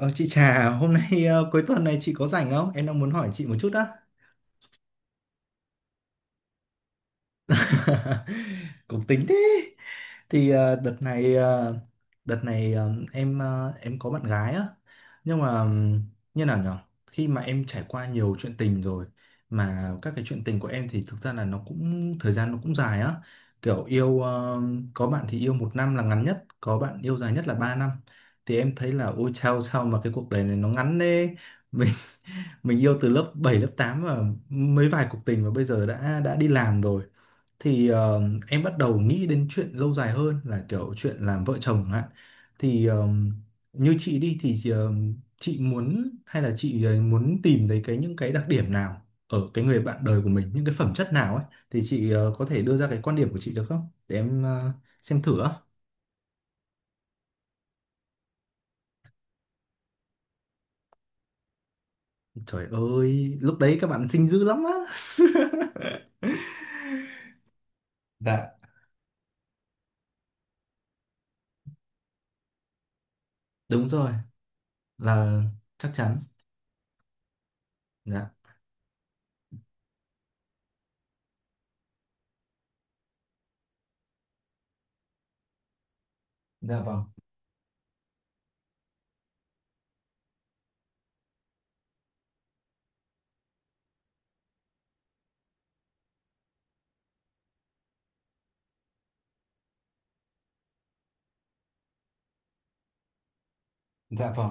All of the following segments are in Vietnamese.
Ờ, chị Trà, hôm nay cuối tuần này chị có rảnh không? Em đang muốn hỏi chị một chút á. Cũng tính thế. Thì đợt này, em có bạn gái á. Nhưng mà như nào nhở? Khi mà em trải qua nhiều chuyện tình rồi mà các cái chuyện tình của em thì thực ra là nó cũng thời gian nó cũng dài á. Kiểu yêu có bạn thì yêu 1 năm là ngắn nhất, có bạn yêu dài nhất là 3 năm. Thì em thấy là ôi chao sao mà cái cuộc đời này nó ngắn thế. Mình yêu từ lớp 7 lớp 8 và mấy vài cuộc tình và bây giờ đã đi làm rồi thì ờ, em bắt đầu nghĩ đến chuyện lâu dài hơn là kiểu chuyện làm vợ chồng chẳng hạn thì ờ, như chị đi thì chị muốn hay là chị muốn tìm thấy cái những cái đặc điểm nào ở cái người bạn đời của mình những cái phẩm chất nào ấy thì chị có thể đưa ra cái quan điểm của chị được không để em xem thử á. Trời ơi lúc đấy các bạn xinh dữ lắm á. Dạ. Đúng rồi. Là chắc chắn. Dạ. Dạ vâng. Dạ vâng,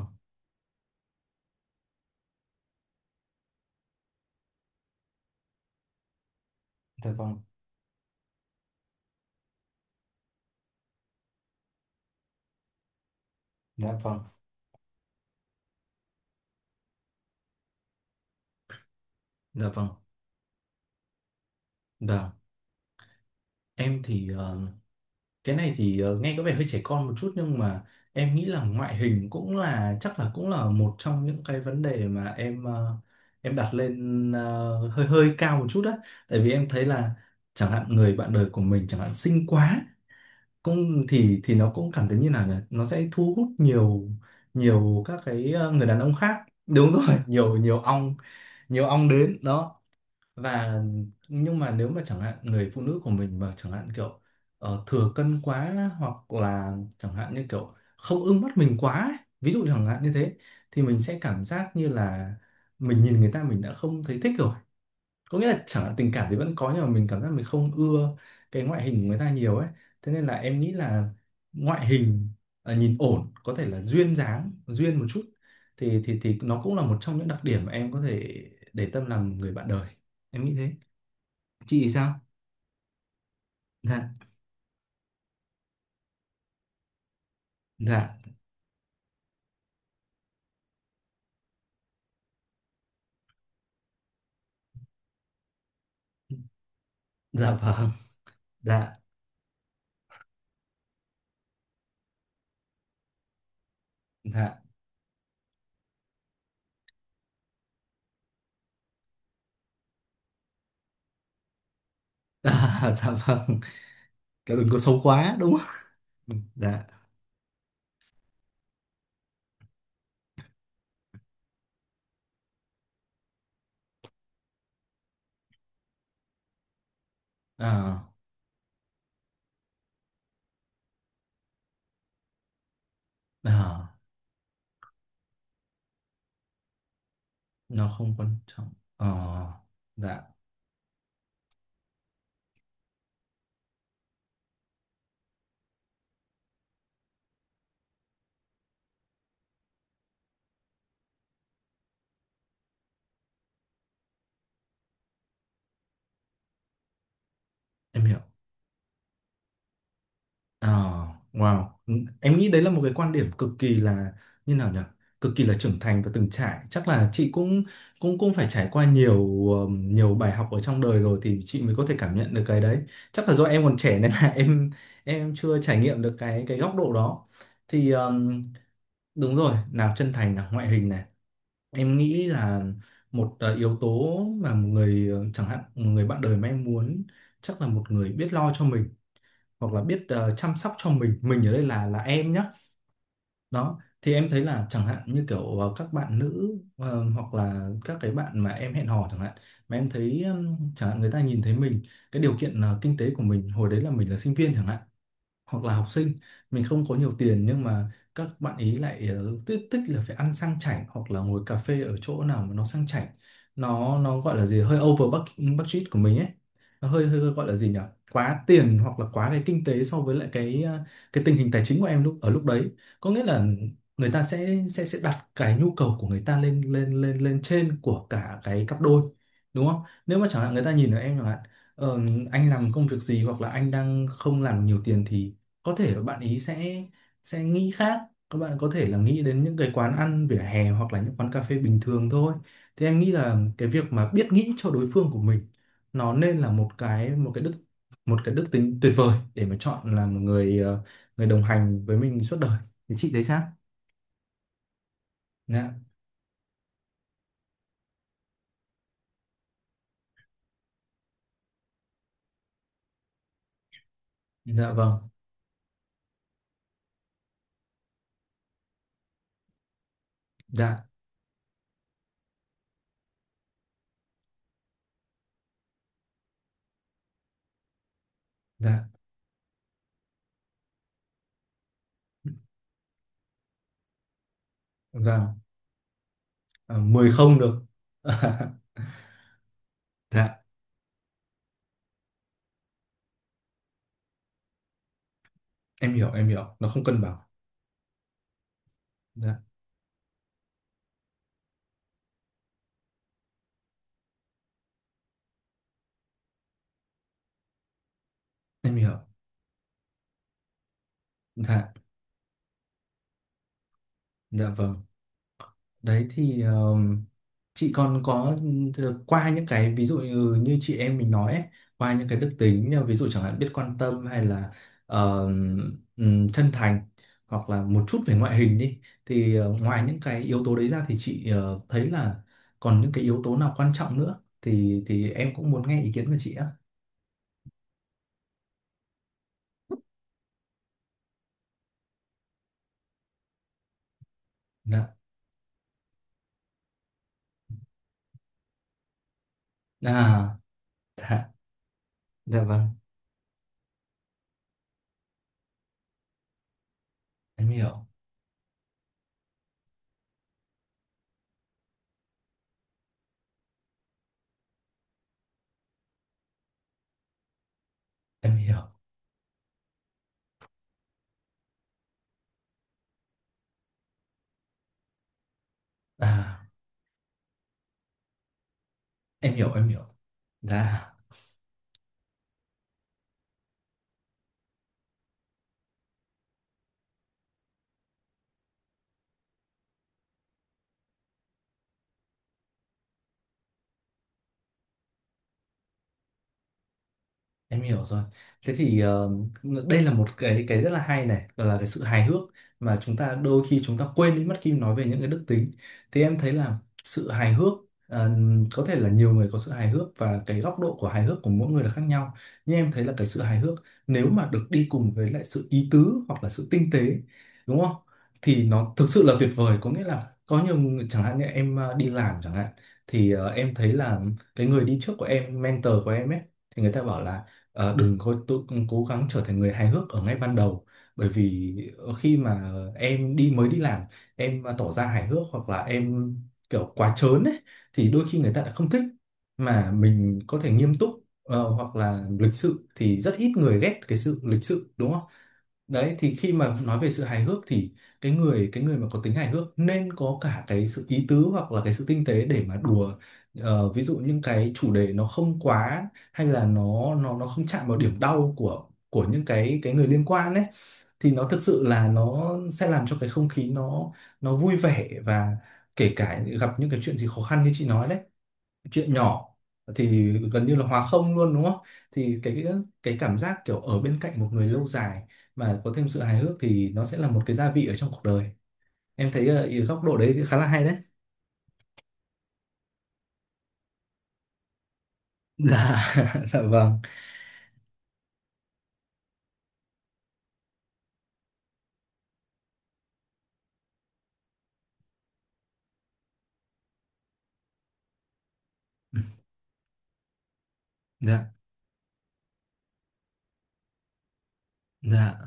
dạ vâng, dạ vâng, dạ vâng, vâng. Em thì cái này thì nghe có vẻ hơi trẻ con một chút nhưng mà em nghĩ là ngoại hình cũng là chắc là cũng là một trong những cái vấn đề mà em đặt lên hơi hơi cao một chút đó. Tại vì em thấy là chẳng hạn người bạn đời của mình chẳng hạn xinh quá cũng thì nó cũng cảm thấy như nào nhỉ? Nó sẽ thu hút nhiều nhiều các cái người đàn ông khác. Đúng rồi. nhiều nhiều ong đến đó và nhưng mà nếu mà chẳng hạn người phụ nữ của mình mà chẳng hạn kiểu thừa cân quá hoặc là chẳng hạn như kiểu không ưng mắt mình quá ấy, ví dụ chẳng hạn như thế thì mình sẽ cảm giác như là mình nhìn người ta mình đã không thấy thích rồi, có nghĩa là chẳng hạn tình cảm thì vẫn có nhưng mà mình cảm giác mình không ưa cái ngoại hình của người ta nhiều ấy. Thế nên là em nghĩ là ngoại hình nhìn ổn có thể là duyên dáng duyên một chút thì nó cũng là một trong những đặc điểm mà em có thể để tâm làm người bạn đời. Em nghĩ thế. Chị sao? Dạ. Dạ. Dạ vâng. Dạ. Dạ. À. Dạ vâng. Kiểu đừng có xấu quá đúng không? Ừ, dạ. À. À. Nó không quan trọng. Ờ, dạ. Em hiểu. Ờ, wow. Ừ. Em nghĩ đấy là một cái quan điểm cực kỳ là như nào nhỉ? Cực kỳ là trưởng thành và từng trải. Chắc là chị cũng cũng cũng phải trải qua nhiều nhiều bài học ở trong đời rồi thì chị mới có thể cảm nhận được cái đấy. Chắc là do em còn trẻ nên là em chưa trải nghiệm được cái góc độ đó. Thì đúng rồi, nào chân thành nào ngoại hình này. Em nghĩ là một yếu tố mà một người chẳng hạn một người bạn đời mà em muốn chắc là một người biết lo cho mình hoặc là biết chăm sóc cho mình ở đây là em nhá. Đó thì em thấy là chẳng hạn như kiểu các bạn nữ hoặc là các cái bạn mà em hẹn hò chẳng hạn mà em thấy chẳng hạn người ta nhìn thấy mình cái điều kiện kinh tế của mình hồi đấy là mình là sinh viên chẳng hạn hoặc là học sinh, mình không có nhiều tiền nhưng mà các bạn ý lại thích thích là phải ăn sang chảnh hoặc là ngồi cà phê ở chỗ nào mà nó sang chảnh, nó gọi là gì hơi over budget budget của mình ấy, nó hơi hơi gọi là gì nhỉ, quá tiền hoặc là quá cái kinh tế so với lại cái cái tình hình tài chính của em lúc ở lúc đấy. Có nghĩa là người ta sẽ đặt cái nhu cầu của người ta lên lên lên lên trên của cả cái cặp đôi đúng không? Nếu mà chẳng hạn người ta nhìn ở em chẳng hạn, ờ, anh làm công việc gì hoặc là anh đang không làm nhiều tiền thì có thể là bạn ý sẽ nghĩ khác, các bạn có thể là nghĩ đến những cái quán ăn vỉa hè hoặc là những quán cà phê bình thường thôi. Thì em nghĩ là cái việc mà biết nghĩ cho đối phương của mình nó nên là một cái một cái đức tính tuyệt vời để mà chọn là một người người đồng hành với mình suốt đời. Thì chị thấy sao? Dạ. Dạ vâng. Dạ. Dạ vâng. Ờ, 10-0 được. Dạ. Em hiểu nó không cân bằng. Dạ. Em hiểu. Dạ. Dạ vâng. Đấy thì chị còn có qua những cái ví dụ như chị em mình nói ấy, qua những cái đức tính như ví dụ chẳng hạn biết quan tâm hay là ờ, chân thành hoặc là một chút về ngoại hình đi thì ngoài những cái yếu tố đấy ra thì chị thấy là còn những cái yếu tố nào quan trọng nữa thì em cũng muốn nghe ý kiến của chị á. Dạ. À, dạ, dạ vâng, em hiểu, em hiểu. À, em hiểu, em hiểu. Dạ. Em hiểu rồi. Thế thì đây là một cái rất là hay này, là cái sự hài hước mà chúng ta đôi khi chúng ta quên đi mất khi nói về những cái đức tính. Thì em thấy là sự hài hước ờ, có thể là nhiều người có sự hài hước và cái góc độ của hài hước của mỗi người là khác nhau. Nhưng em thấy là cái sự hài hước nếu mà được đi cùng với lại sự ý tứ hoặc là sự tinh tế, đúng không? Thì nó thực sự là tuyệt vời. Có nghĩa là có nhiều người, chẳng hạn như em đi làm chẳng hạn thì em thấy là cái người đi trước của em, mentor của em ấy thì người ta bảo là: Ờ, đừng có tự cố gắng trở thành người hài hước ở ngay ban đầu bởi vì khi mà em đi mới đi làm em mà tỏ ra hài hước hoặc là em kiểu quá trớn ấy thì đôi khi người ta lại không thích, mà mình có thể nghiêm túc hoặc là lịch sự thì rất ít người ghét cái sự lịch sự đúng không? Đấy thì khi mà nói về sự hài hước thì cái người mà có tính hài hước nên có cả cái sự ý tứ hoặc là cái sự tinh tế để mà đùa. Ờ, ví dụ những cái chủ đề nó không quá, hay là nó nó không chạm vào điểm đau của những cái người liên quan ấy thì nó thực sự là nó sẽ làm cho cái không khí nó vui vẻ và kể cả gặp những cái chuyện gì khó khăn như chị nói đấy, chuyện nhỏ thì gần như là hòa không luôn đúng không? Thì cái cảm giác kiểu ở bên cạnh một người lâu dài mà có thêm sự hài hước thì nó sẽ là một cái gia vị ở trong cuộc đời. Em thấy góc độ đấy thì khá là hay đấy. Dạ. Dạ vâng. Dạ. Dạ.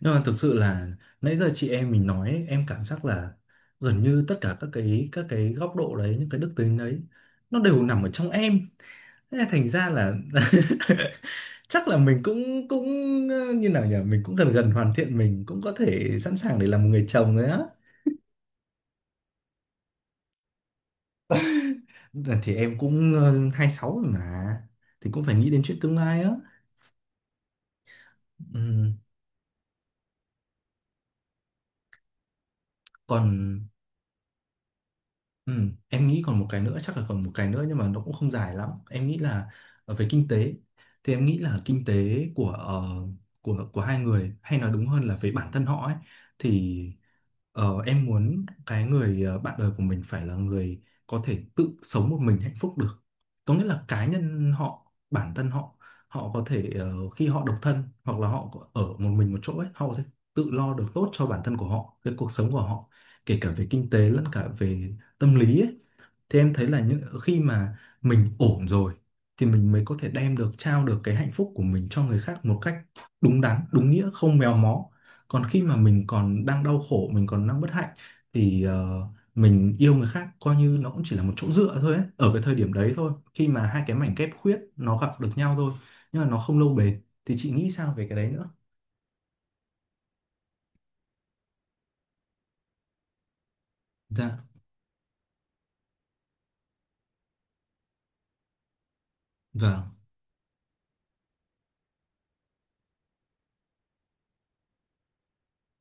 Nhưng mà thực sự là nãy giờ chị em mình nói ấy, em cảm giác là gần như tất cả các cái góc độ đấy những cái đức tính đấy nó đều nằm ở trong em. Thế là thành ra là chắc là mình cũng cũng như nào nhỉ, mình cũng gần gần hoàn thiện, mình cũng có thể sẵn sàng để làm một người chồng đấy á. Đợt thì em cũng 26 rồi mà, thì cũng phải nghĩ đến chuyện tương lai á. Ừ, còn. Ừ, em nghĩ còn một cái nữa, chắc là còn một cái nữa nhưng mà nó cũng không dài lắm, em nghĩ là về kinh tế. Thì em nghĩ là kinh tế của của hai người hay nói đúng hơn là về bản thân họ ấy. Thì em muốn cái người bạn đời của mình phải là người có thể tự sống một mình hạnh phúc được, có nghĩa là cá nhân họ bản thân họ, họ có thể khi họ độc thân hoặc là ở một mình một chỗ ấy họ có thể tự lo được tốt cho bản thân của họ cái cuộc sống của họ kể cả về kinh tế lẫn cả về tâm lý ấy. Thì em thấy là những khi mà mình ổn rồi thì mình mới có thể đem được trao được cái hạnh phúc của mình cho người khác một cách đúng đắn đúng nghĩa không méo mó, còn khi mà mình còn đang đau khổ mình còn đang bất hạnh thì mình yêu người khác coi như nó cũng chỉ là một chỗ dựa thôi ấy, ở cái thời điểm đấy thôi, khi mà hai cái mảnh ghép khuyết nó gặp được nhau thôi nhưng mà nó không lâu bền. Thì chị nghĩ sao về cái đấy nữa? Dạ vâng.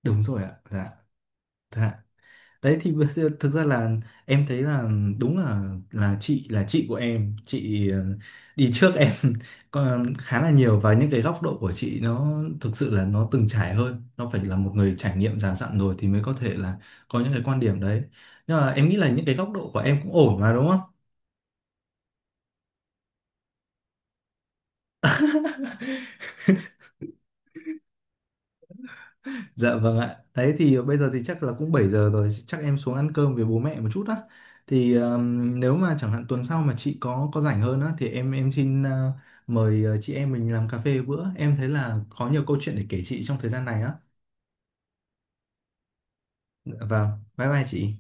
Đúng rồi ạ. Dạ. Dạ. Đấy thì bây giờ thực ra là em thấy là đúng là là chị của em, chị đi trước em còn khá là nhiều và những cái góc độ của chị nó thực sự là nó từng trải hơn, nó phải là một người trải nghiệm già dặn rồi thì mới có thể là có những cái quan điểm đấy. Nhưng mà em nghĩ là những cái góc độ của em cũng ổn mà đúng không? Dạ vâng ạ. Đấy thì bây giờ thì chắc là cũng 7 giờ rồi, chắc em xuống ăn cơm với bố mẹ một chút á. Thì nếu mà chẳng hạn tuần sau mà chị có rảnh hơn á thì em xin mời chị em mình làm cà phê bữa. Em thấy là có nhiều câu chuyện để kể chị trong thời gian này á. Dạ vâng. Bye bye chị.